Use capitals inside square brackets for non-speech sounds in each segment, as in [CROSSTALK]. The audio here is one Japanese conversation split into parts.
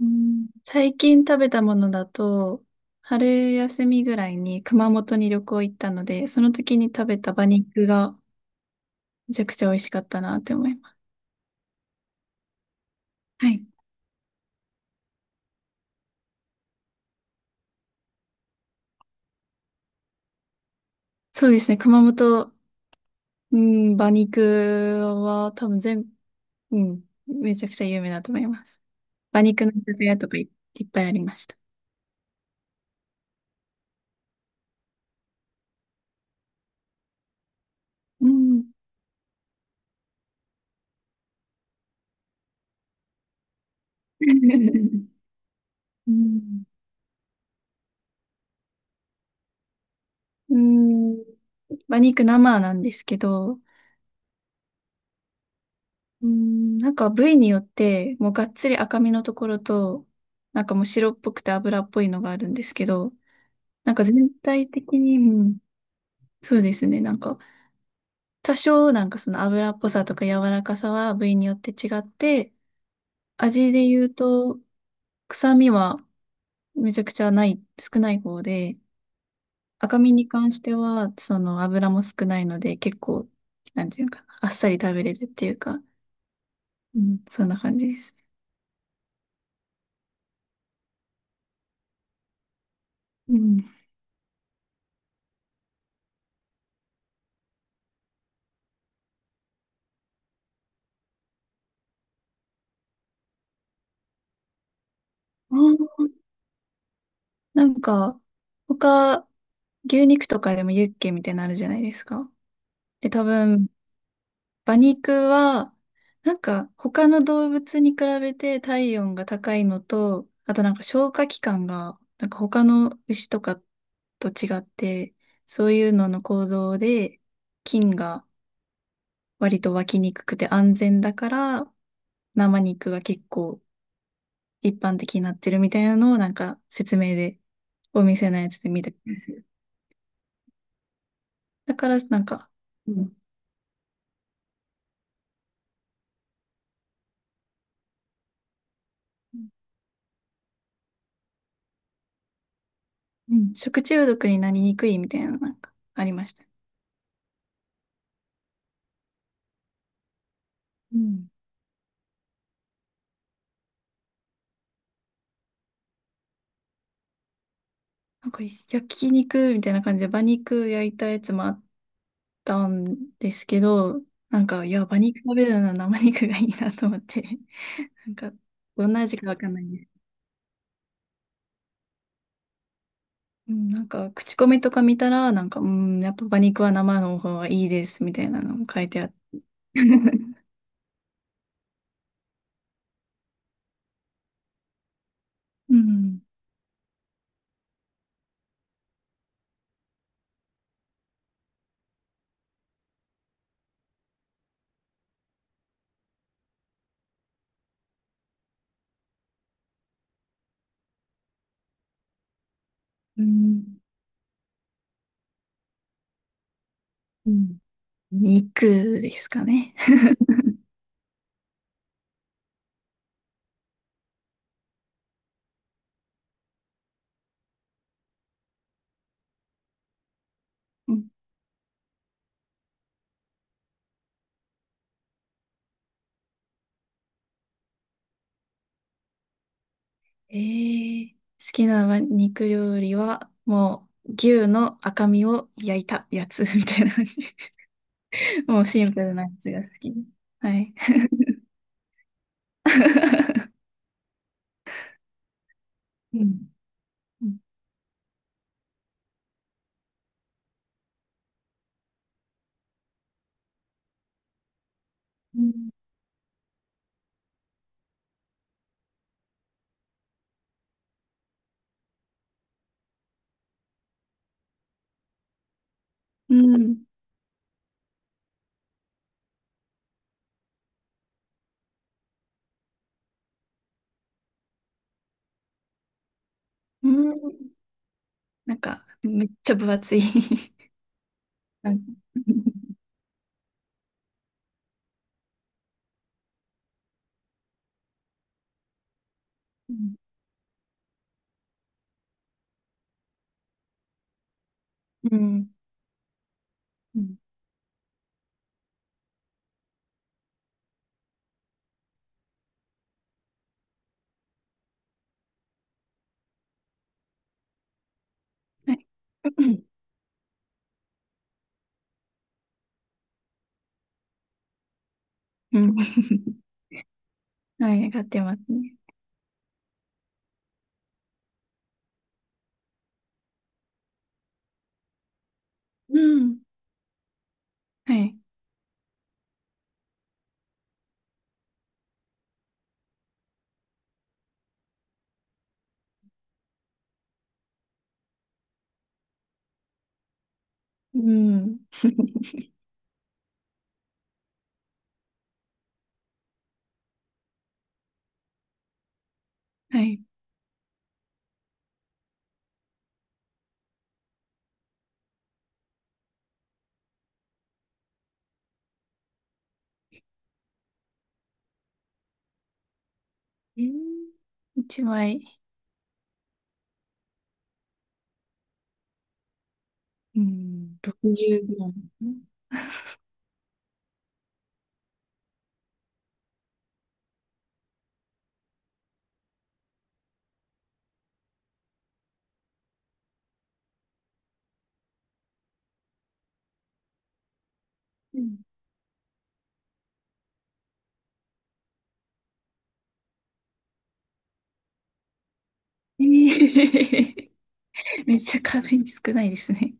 うん、最近食べたものだと、春休みぐらいに熊本に旅行行ったので、その時に食べた馬肉がめちゃくちゃ美味しかったなって思います。はい。そうですね。熊本、うん、馬肉は多分全、うん、めちゃくちゃ有名だと思います。馬肉の居酒屋とかいっぱいありました。うん。[LAUGHS] うん、うん、馬肉生なんですけど、なんか部位によって、もうがっつり赤身のところと、なんかもう白っぽくて脂っぽいのがあるんですけど、なんか全体的に、そうですね、なんか多少なんかその脂っぽさとか柔らかさは部位によって違って、味で言うと臭みはめちゃくちゃない、少ない方で、赤身に関してはその脂も少ないので結構、なんていうのかな、あっさり食べれるっていうか、うん、そんな感じです。うんなんか、他、牛肉とかでもユッケみたいなのあるじゃないですか。で、多分、馬肉は、なんか、他の動物に比べて体温が高いのと、あとなんか消化器官が、なんか他の牛とかと違って、そういうのの構造で、菌が割と湧きにくくて安全だから、生肉が結構一般的になってるみたいなのをなんか説明で、お店のやつで見た気がする。だから、なんか。うん。うん、食中毒になりにくいみたいな、なんか、ありました。うんなんか、焼肉みたいな感じで、馬肉焼いたやつもあったんですけど、なんか、いや、馬肉食べるなら生肉がいいなと思って、[LAUGHS] なんか、どんな味かわかんないです。うん、なんか、口コミとか見たら、なんか、うん、やっぱ馬肉は生の方がいいです、みたいなのも書いてあって。[LAUGHS] うん、うん、うん、肉ですかね。えー、好きな肉料理は、もう、牛の赤身を焼いたやつ [LAUGHS] みたいな感じ。[LAUGHS] もうシンプルなやつが好き。はい。[LAUGHS] うん。うん、うん。うんなんか、めっちゃ分厚い。 [LAUGHS] なんか、うん、うん、うん、はい。[LAUGHS] うん、うん、はい、上がってますね。うん。はい。うん。[LAUGHS] はい。えー一枚。うん。60グラム。うん。えー [LAUGHS] めっちゃ軽い、少ないですね。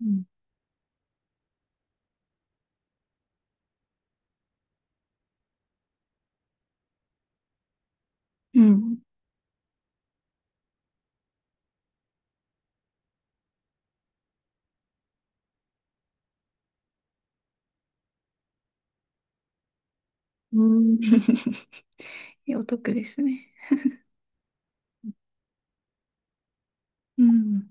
うん。うん。うん。 [LAUGHS]。お得ですね。うん。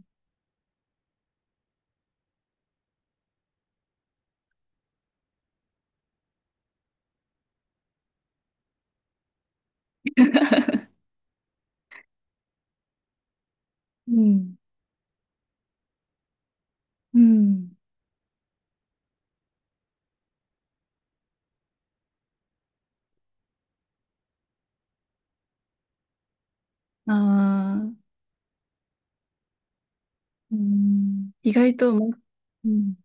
うん。うん。ああ、うん。意外とマック、うん。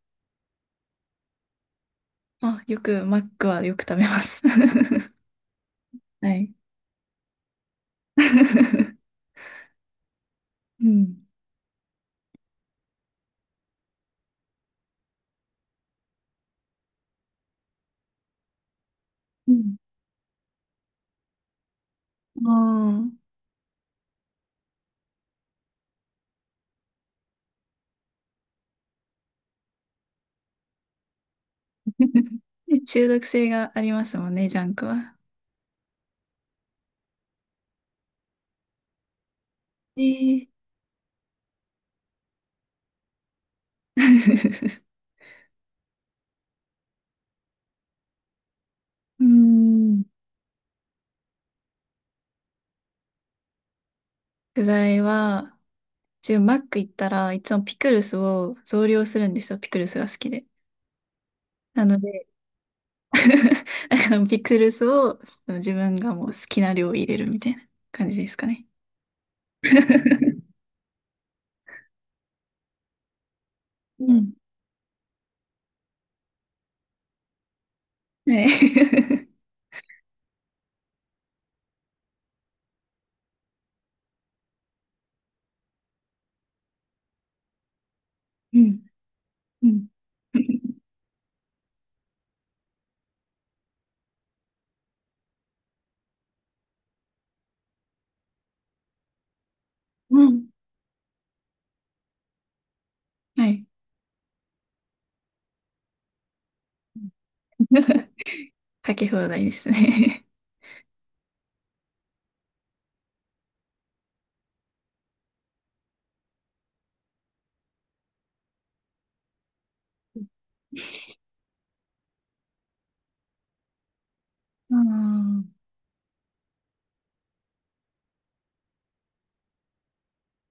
あ、マックはよく食べます。[LAUGHS] はい。[LAUGHS] うん。うん。ああ、[LAUGHS] 中毒性がありますもんね、ジャンクは。ええ。 [LAUGHS] うん。具材は、自分マック行ったらいつもピクルスを増量するんですよ。ピクルスが好きで。なので、[LAUGHS] だからピクルスをその自分がもう好きな量入れるみたいな感じですかね。[LAUGHS] うん。[LAUGHS] はい。[LAUGHS] うん。うん。うん、はい。[LAUGHS] かけ放題ですね。ああ、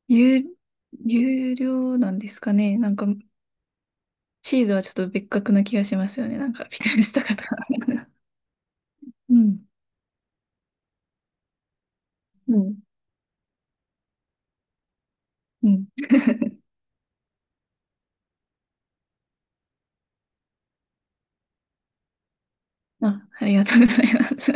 有、有料なんですかね。なんか、チーズはちょっと別格な気がしますよね。なんか、ピクルスとかと。[LAUGHS] うん。うん。うん。[LAUGHS] あ、ありがとうございます。